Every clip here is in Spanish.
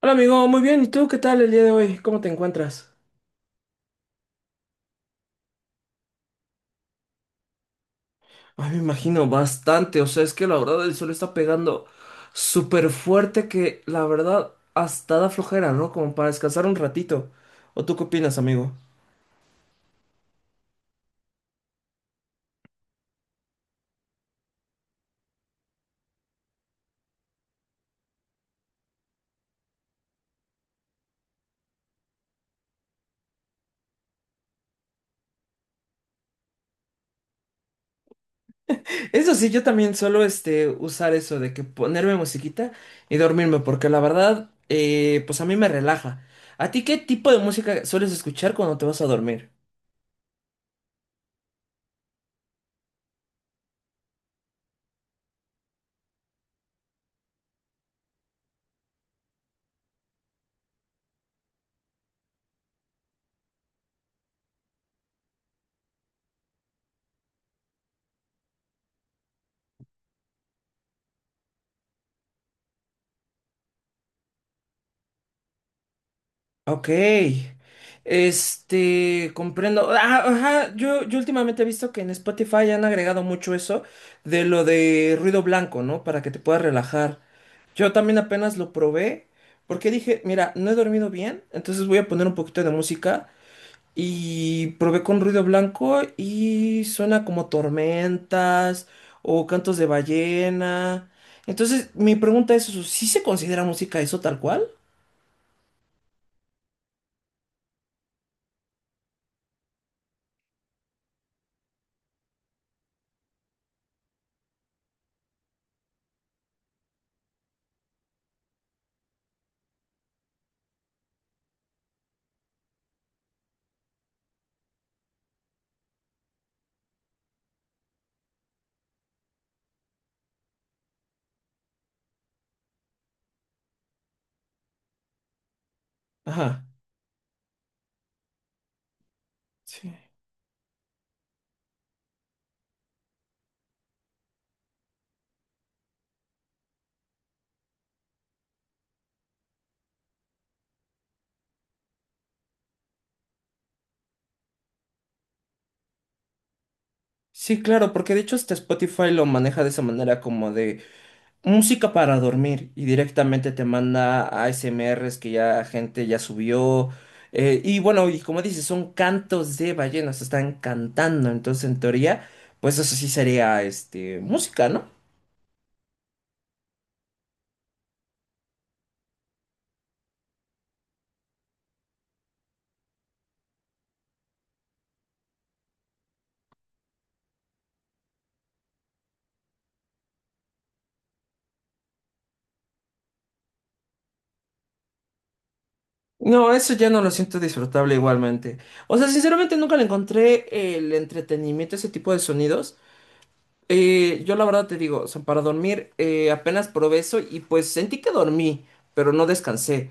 Hola amigo, muy bien. ¿Y tú qué tal el día de hoy? ¿Cómo te encuentras? Ay, me imagino bastante, o sea, es que la verdad el sol está pegando súper fuerte que la verdad hasta da flojera, ¿no? Como para descansar un ratito. ¿O tú qué opinas, amigo? Eso sí, yo también suelo usar eso de que ponerme musiquita y dormirme, porque la verdad, pues a mí me relaja. ¿A ti qué tipo de música sueles escuchar cuando te vas a dormir? Ok, comprendo. Ah, ajá, yo últimamente he visto que en Spotify han agregado mucho eso de lo de ruido blanco, ¿no? Para que te puedas relajar. Yo también apenas lo probé porque dije, mira, no he dormido bien, entonces voy a poner un poquito de música y probé con ruido blanco y suena como tormentas o cantos de ballena. Entonces, mi pregunta es, ¿sí se considera música eso tal cual? Ajá. Sí. Sí, claro, porque de hecho hasta Spotify lo maneja de esa manera como de música para dormir y directamente te manda ASMRs que ya gente ya subió. Y bueno, y como dices, son cantos de ballenas, están cantando, entonces en teoría, pues eso sí sería música, ¿no? No, eso ya no lo siento disfrutable igualmente. O sea, sinceramente nunca le encontré el entretenimiento a ese tipo de sonidos. Yo la verdad te digo, o sea, para dormir apenas probé eso y pues sentí que dormí, pero no descansé.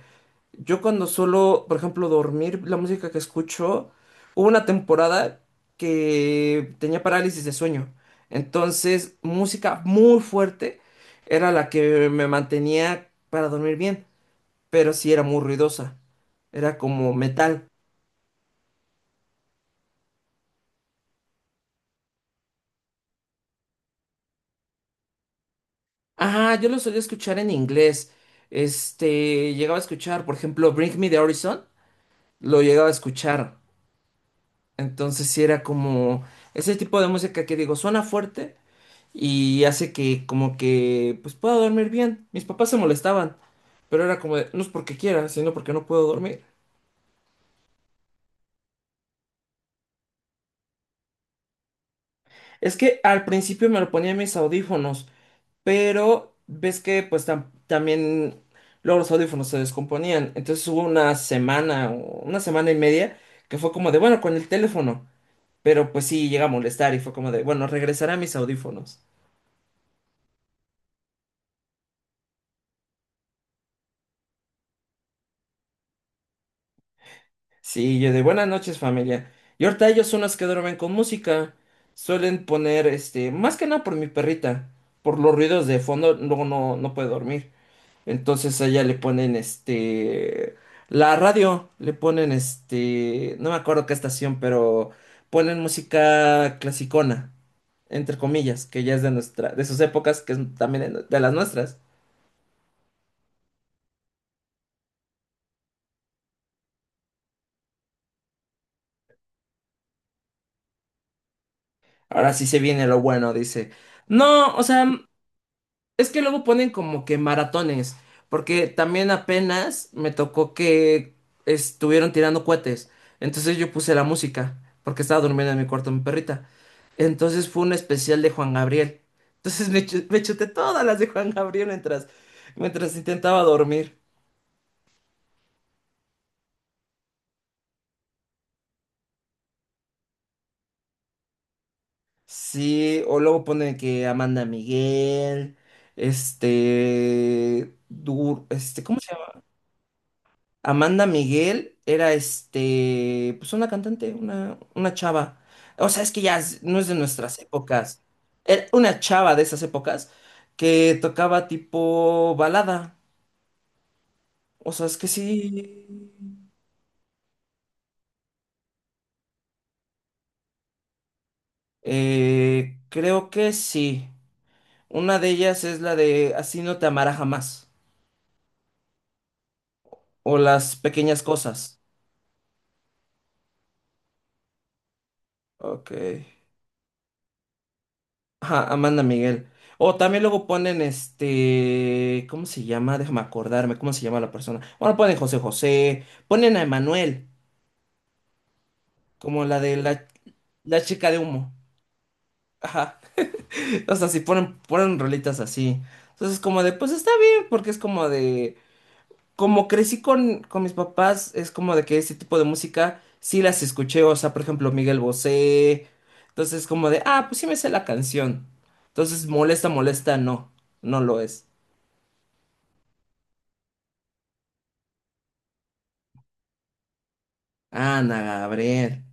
Yo cuando suelo, por ejemplo, dormir, la música que escucho, hubo una temporada que tenía parálisis de sueño. Entonces, música muy fuerte era la que me mantenía para dormir bien, pero sí era muy ruidosa. Era como metal. Ah, yo lo solía escuchar en inglés. Llegaba a escuchar, por ejemplo, Bring Me the Horizon. Lo llegaba a escuchar. Entonces sí era como ese tipo de música que digo, suena fuerte y hace que como que pues pueda dormir bien. Mis papás se molestaban, pero era como de, no es porque quiera, sino porque no puedo dormir. Es que al principio me lo ponía en mis audífonos, pero ves que pues también luego los audífonos se descomponían. Entonces hubo una semana, o una semana y media, que fue como de, bueno, con el teléfono. Pero pues sí llega a molestar y fue como de, bueno, regresaré a mis audífonos. Sí, yo de buenas noches familia. Y ahorita ellos son los que duermen con música. Suelen poner, más que nada por mi perrita, por los ruidos de fondo, luego no puede dormir. Entonces a ella le ponen, la radio, le ponen, no me acuerdo qué estación, pero ponen música clasicona, entre comillas, que ya es de de sus épocas, que es también de las nuestras. Ahora sí se viene lo bueno, dice. No, o sea. Es que luego ponen como que maratones, porque también apenas me tocó que estuvieron tirando cohetes. Entonces yo puse la música, porque estaba durmiendo en mi cuarto mi perrita. Entonces fue un especial de Juan Gabriel. Entonces me chuté todas las de Juan Gabriel mientras intentaba dormir. Sí, o luego ponen que Amanda Miguel, este, ¿cómo se? Amanda Miguel era pues una cantante, una chava. O sea, es que no es de nuestras épocas. Era una chava de esas épocas que tocaba tipo balada. O sea, es que sí. Creo que sí. Una de ellas es la de Así no te amará jamás. O las pequeñas cosas. Ok. Ajá, Amanda Miguel. O también luego ponen ¿cómo se llama? Déjame acordarme, ¿cómo se llama la persona? Bueno, ponen José José, ponen a Emanuel, como la de la chica de humo. Ajá. O sea, si ponen, ponen rolitas así. Entonces, como de, pues está bien, porque es como de, como crecí con mis papás, es como de que ese tipo de música sí las escuché, o sea, por ejemplo, Miguel Bosé. Entonces, como de, ah, pues sí me sé la canción. Entonces, molesta, molesta, no, no lo es. Ana Gabriel,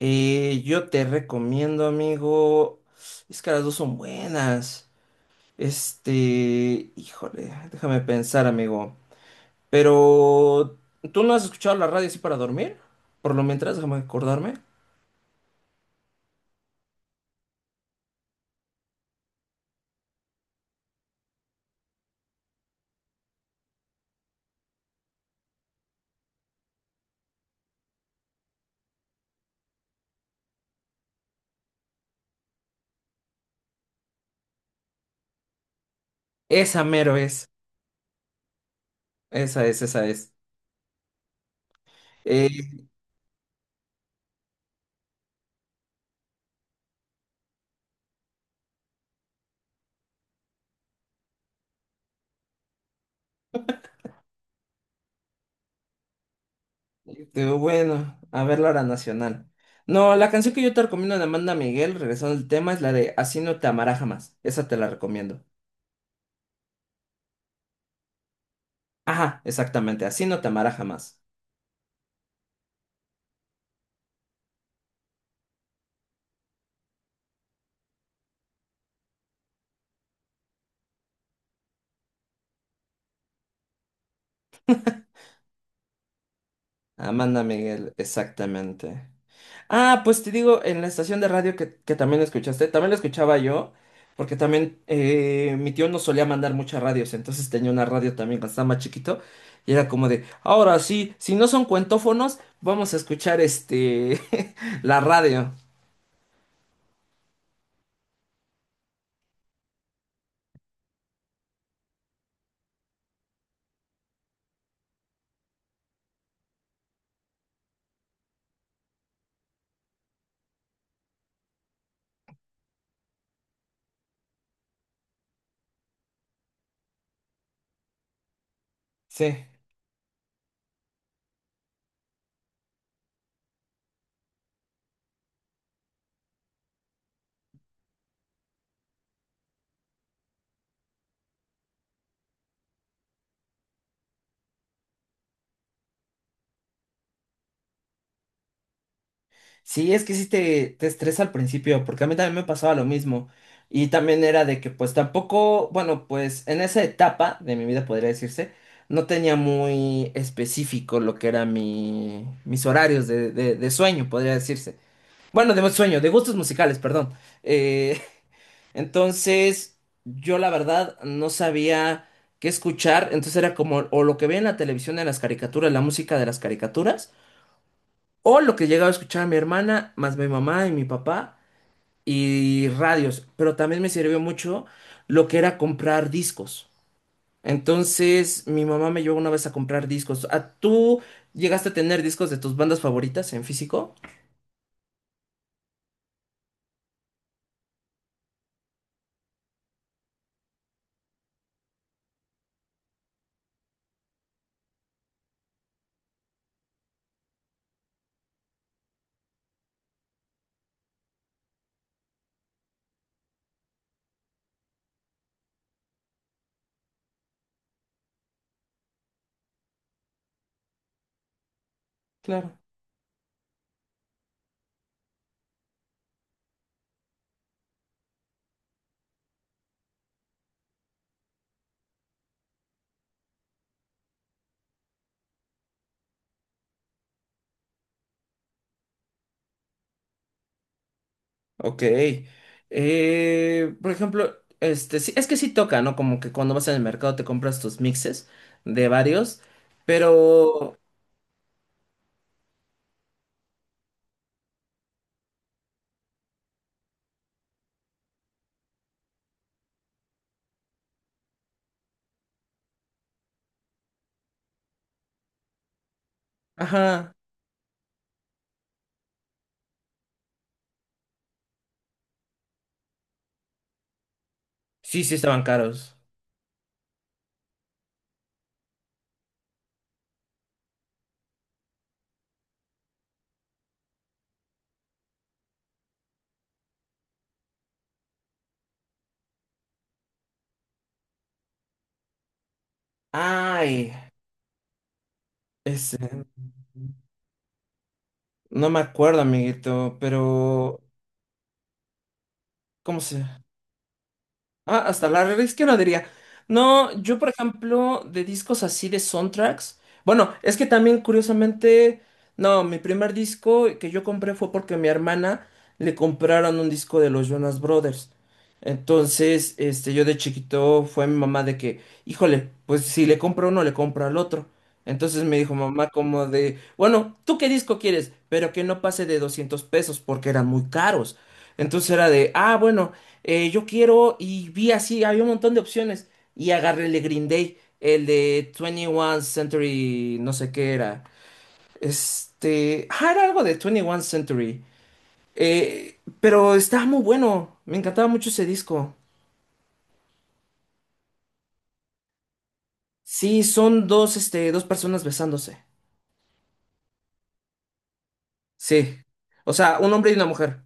yo te recomiendo, amigo. Es que las dos son buenas. Este, híjole, déjame pensar, amigo. Pero, ¿tú no has escuchado la radio así para dormir? Por lo mientras, déjame acordarme. Esa mero es. Esa es, esa es. Eh, bueno, a ver la hora nacional. No, la canción que yo te recomiendo de Amanda Miguel, regresando al tema, es la de Así no te amará jamás. Esa te la recomiendo. Ajá, exactamente, Así no te amará jamás. Amanda Miguel, exactamente. Ah, pues te digo, en la estación de radio que también la escuchaste, también la escuchaba yo, porque también mi tío no solía mandar muchas radios, entonces tenía una radio también cuando estaba más chiquito, y era como de, ahora sí, si no son cuentófonos, vamos a escuchar la radio. Sí. Sí, es que sí te estresa al principio, porque a mí también me pasaba lo mismo. Y también era de que pues tampoco, bueno, pues en esa etapa de mi vida podría decirse, no tenía muy específico lo que eran mis horarios de sueño, podría decirse. Bueno, de sueño, de gustos musicales, perdón. Eh, entonces, yo la verdad no sabía qué escuchar, entonces era como o lo que veía en la televisión de las caricaturas, la música de las caricaturas o lo que llegaba a escuchar mi hermana, más mi mamá y mi papá, y radios. Pero también me sirvió mucho lo que era comprar discos. Entonces, mi mamá me llevó una vez a comprar discos. ¿A tú llegaste a tener discos de tus bandas favoritas en físico? Claro. Ok. Por ejemplo, sí, es que sí toca, ¿no? Como que cuando vas en el mercado te compras tus mixes de varios, pero... Ajá. Sí, sí estaban caros. Ay, ese. No me acuerdo, amiguito, pero ¿cómo se? Ah, hasta la revés izquierda diría. No, yo por ejemplo, de discos así de soundtracks. Bueno, es que también curiosamente, no, mi primer disco que yo compré fue porque a mi hermana le compraron un disco de los Jonas Brothers. Entonces, yo de chiquito fue mi mamá de que, híjole, pues si le compro uno, le compro al otro. Entonces me dijo mamá como de, bueno, ¿tú qué disco quieres? Pero que no pase de 200 pesos porque eran muy caros. Entonces era de, ah, bueno yo quiero, y vi así, había un montón de opciones, y agarré el de Green Day, el de 21 Century, no sé qué era, era algo de 21 Century, pero estaba muy bueno, me encantaba mucho ese disco. Sí, son dos, dos personas besándose, sí, o sea, un hombre y una mujer.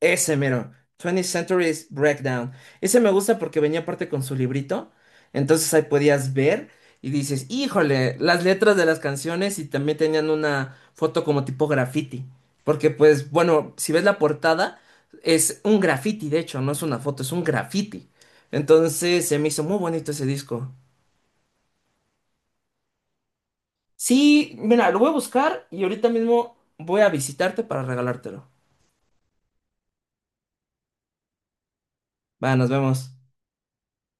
Ese mero, 20th Century Breakdown. Ese me gusta porque venía aparte con su librito, entonces ahí podías ver y dices, híjole, las letras de las canciones y también tenían una foto como tipo graffiti, porque pues bueno, si ves la portada, es un graffiti, de hecho, no es una foto, es un graffiti. Entonces se me hizo muy bonito ese disco. Sí, mira, lo voy a buscar y ahorita mismo voy a visitarte para regalártelo. Va, nos vemos.